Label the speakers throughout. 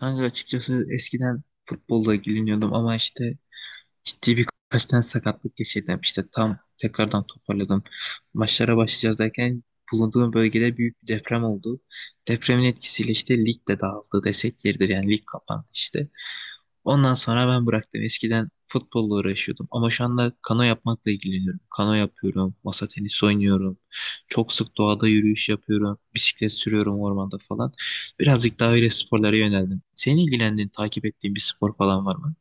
Speaker 1: Kanka açıkçası eskiden futbolla ilgileniyordum ama işte ciddi birkaç tane sakatlık geçirdim. İşte tam tekrardan toparladım. Maçlara başlayacağız derken bulunduğum bölgede büyük bir deprem oldu. Depremin etkisiyle işte lig de dağıldı desek yeridir yani lig kapandı işte. Ondan sonra ben bıraktım. Eskiden futbolla uğraşıyordum ama şu anda kano yapmakla ilgileniyorum. Kano yapıyorum, masa tenisi oynuyorum. Çok sık doğada yürüyüş yapıyorum, bisiklet sürüyorum ormanda falan. Birazcık daha öyle sporlara yöneldim. Senin ilgilendiğin, takip ettiğin bir spor falan var mı?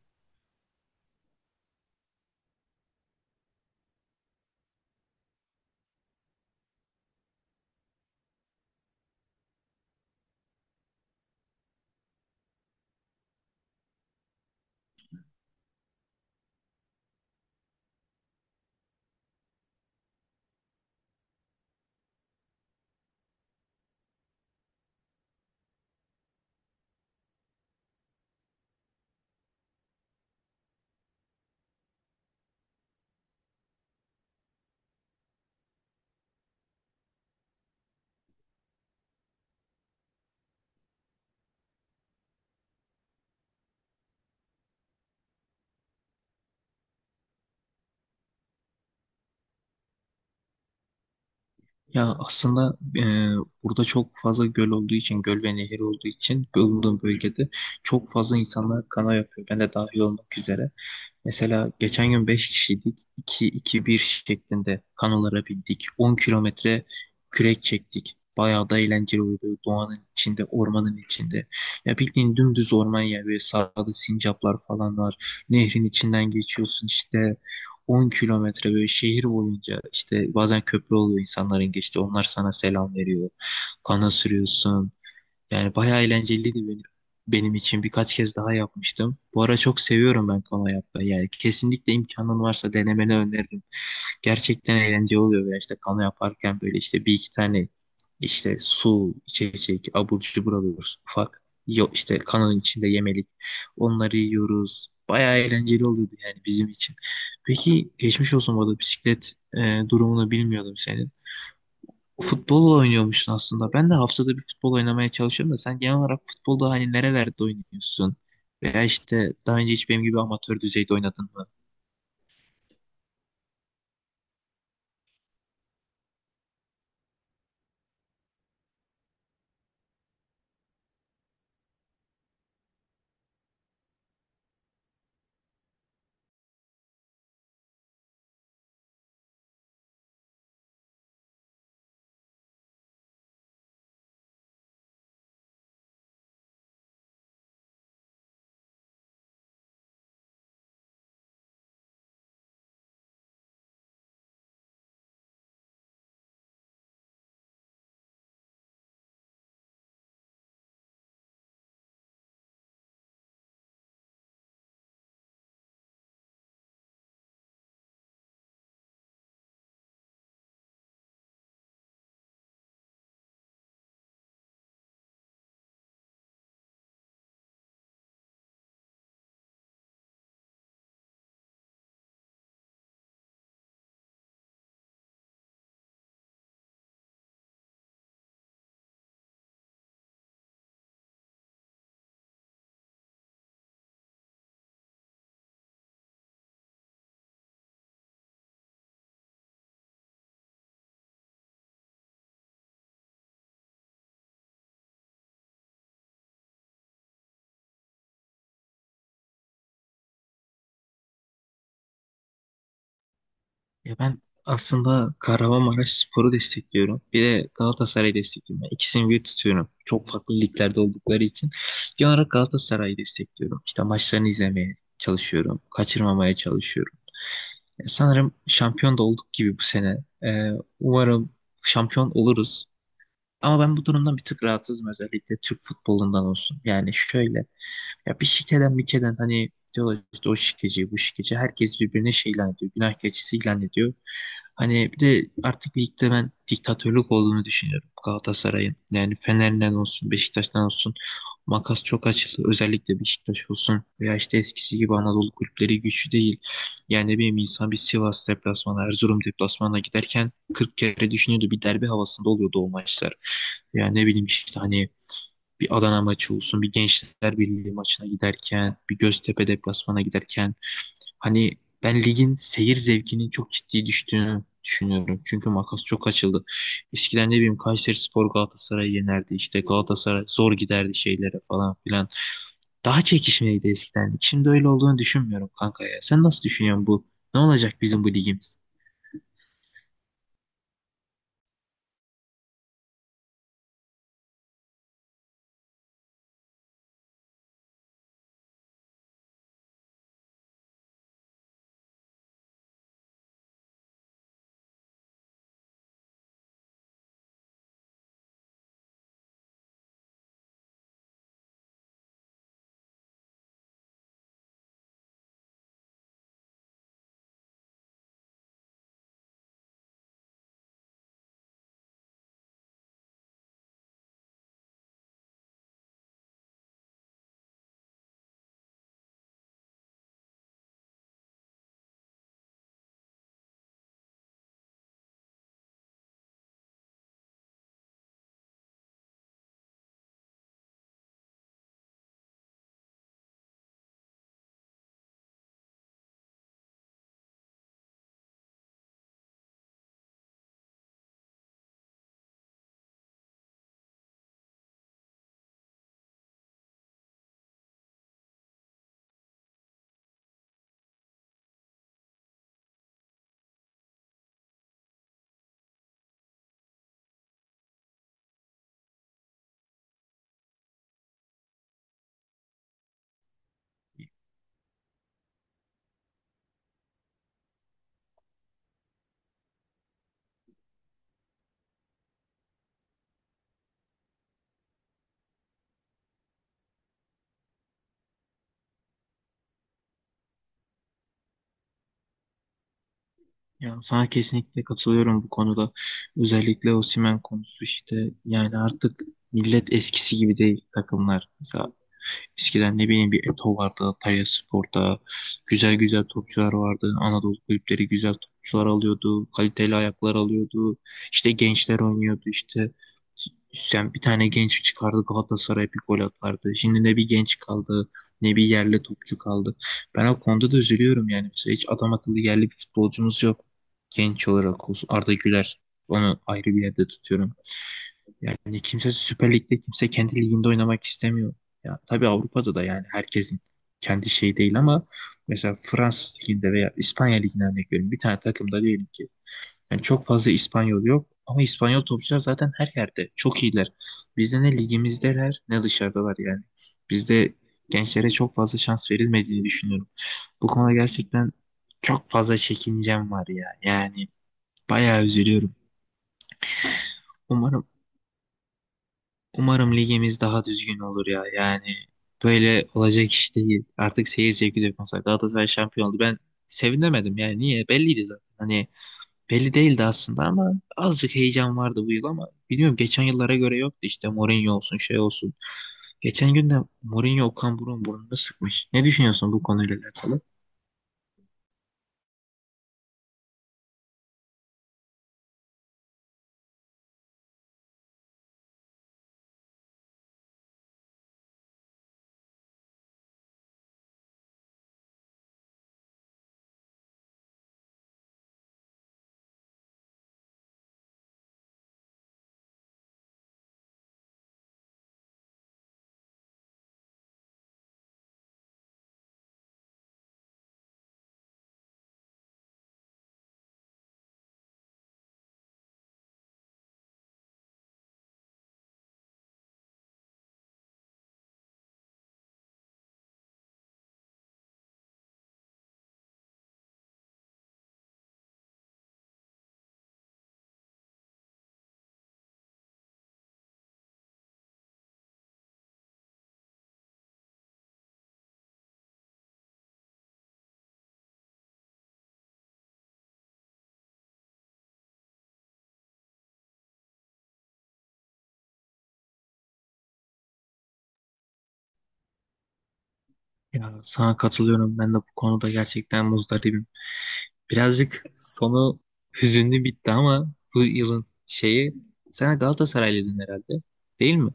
Speaker 1: Ya aslında burada çok fazla göl olduğu için, göl ve nehir olduğu için bulunduğum bölgede çok fazla insanlar kana yapıyor. Ben de dahil olmak üzere. Mesela geçen gün 5 kişiydik. İki iki bir şeklinde kanolara bindik. 10 kilometre kürek çektik. Bayağı da eğlenceli oldu. Doğanın içinde, ormanın içinde. Ya bildiğin dümdüz orman yani. Böyle sağda sincaplar falan var. Nehrin içinden geçiyorsun işte. 10 kilometre böyle şehir boyunca işte bazen köprü oluyor insanların geçti. Onlar sana selam veriyor. Kana sürüyorsun. Yani bayağı eğlenceliydi benim için. Birkaç kez daha yapmıştım. Bu ara çok seviyorum ben kano yapmayı. Yani kesinlikle imkanın varsa denemeni öneririm. Gerçekten eğlenceli oluyor. Veya işte kano yaparken böyle işte bir iki tane işte su, içecek, abur cubur alıyoruz ufak. Yok işte kanonun içinde yemelik. Onları yiyoruz. Bayağı eğlenceli oluyordu yani bizim için. Peki geçmiş olsun bu arada bisiklet durumunu bilmiyordum senin. Futbol oynuyormuşsun aslında. Ben de haftada bir futbol oynamaya çalışıyorum da sen genel olarak futbolda hani nerelerde oynuyorsun? Veya işte daha önce hiç benim gibi amatör düzeyde oynadın mı? Ya ben aslında Kahramanmaraşspor'u destekliyorum. Bir de Galatasaray'ı destekliyorum. Yani ikisini bir tutuyorum. Çok farklı liglerde oldukları için. Genel olarak Galatasaray'ı destekliyorum. İşte maçlarını izlemeye çalışıyorum. Kaçırmamaya çalışıyorum. Ya sanırım şampiyon da olduk gibi bu sene. Ee, umarım şampiyon oluruz. Ama ben bu durumdan bir tık rahatsızım özellikle Türk futbolundan olsun. Yani şöyle. Ya bir şikeden bir keden hani diyorlar işte o şikeci bu şikeci herkes birbirine şey ilan ediyor. Günah keçisi ilan ediyor. Hani bir de artık ligde ben diktatörlük olduğunu düşünüyorum Galatasaray'ın. Yani Fener'den olsun Beşiktaş'tan olsun makas çok açıldı. Özellikle Beşiktaş olsun veya işte eskisi gibi Anadolu kulüpleri güçlü değil. Yani ne bileyim insan bir Sivas deplasmanı, Erzurum deplasmanına giderken 40 kere düşünüyordu. Bir derbi havasında oluyordu o maçlar. Yani ne bileyim işte hani bir Adana maçı olsun, bir Gençler Birliği maçına giderken, bir Göztepe deplasmana giderken hani ben ligin seyir zevkinin çok ciddi düştüğünü düşünüyorum. Çünkü makas çok açıldı. Eskiden ne bileyim Kayserispor Galatasaray'ı yenerdi. İşte Galatasaray zor giderdi şeylere falan filan. Daha çekişmeliydi eskiden. Şimdi öyle olduğunu düşünmüyorum kanka ya. Sen nasıl düşünüyorsun bu? Ne olacak bizim bu ligimiz? Ya sana kesinlikle katılıyorum bu konuda. Özellikle Osimhen konusu işte yani artık millet eskisi gibi değil takımlar. Mesela eskiden ne bileyim bir Eto vardı, Talyaspor'da güzel güzel topçular vardı. Anadolu kulüpleri güzel topçular alıyordu, kaliteli ayaklar alıyordu. İşte gençler oynuyordu işte. Sen bir tane genç çıkardı Galatasaray bir gol atardı. Şimdi ne bir genç kaldı ne bir yerli topçu kaldı. Ben o konuda da üzülüyorum yani. Mesela hiç adam akıllı yerli bir futbolcumuz yok. Genç olarak olsun. Arda Güler onu ayrı bir yerde tutuyorum. Yani kimse Süper Lig'de kimse kendi liginde oynamak istemiyor. Ya tabii Avrupa'da da yani herkesin kendi şeyi değil ama mesela Fransız liginde veya İspanya liginde örnek veriyorum. Bir tane takımda diyelim ki yani çok fazla İspanyol yok ama İspanyol topçular zaten her yerde çok iyiler. Bizde ne ligimizdeler ne dışarıdalar yani. Bizde gençlere çok fazla şans verilmediğini düşünüyorum. Bu konuda gerçekten çok fazla çekincem var ya. Yani bayağı üzülüyorum. Umarım Umarım ligimiz daha düzgün olur ya. Yani böyle olacak iş değil. Artık seyir zevki de yok. Mesela Galatasaray şampiyon oldu. Ben sevinemedim yani. Niye? Belliydi zaten. Hani belli değildi aslında ama azıcık heyecan vardı bu yıl ama biliyorum geçen yıllara göre yoktu işte Mourinho olsun şey olsun. Geçen gün de Mourinho Okan Buruk'un burnunu sıkmış. Ne düşünüyorsun bu konuyla alakalı? Ya sana katılıyorum. Ben de bu konuda gerçekten muzdaribim. Birazcık sonu hüzünlü bitti ama bu yılın şeyi sen Galatasaraylıydın herhalde değil mi?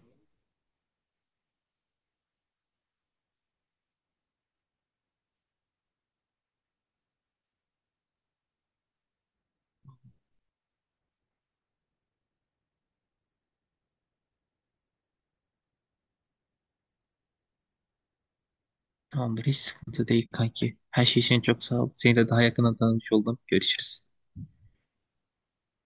Speaker 1: Tamamdır hiç sıkıntı değil kanki. Her şey için çok sağ ol. Seni de daha yakından tanımış oldum. Görüşürüz.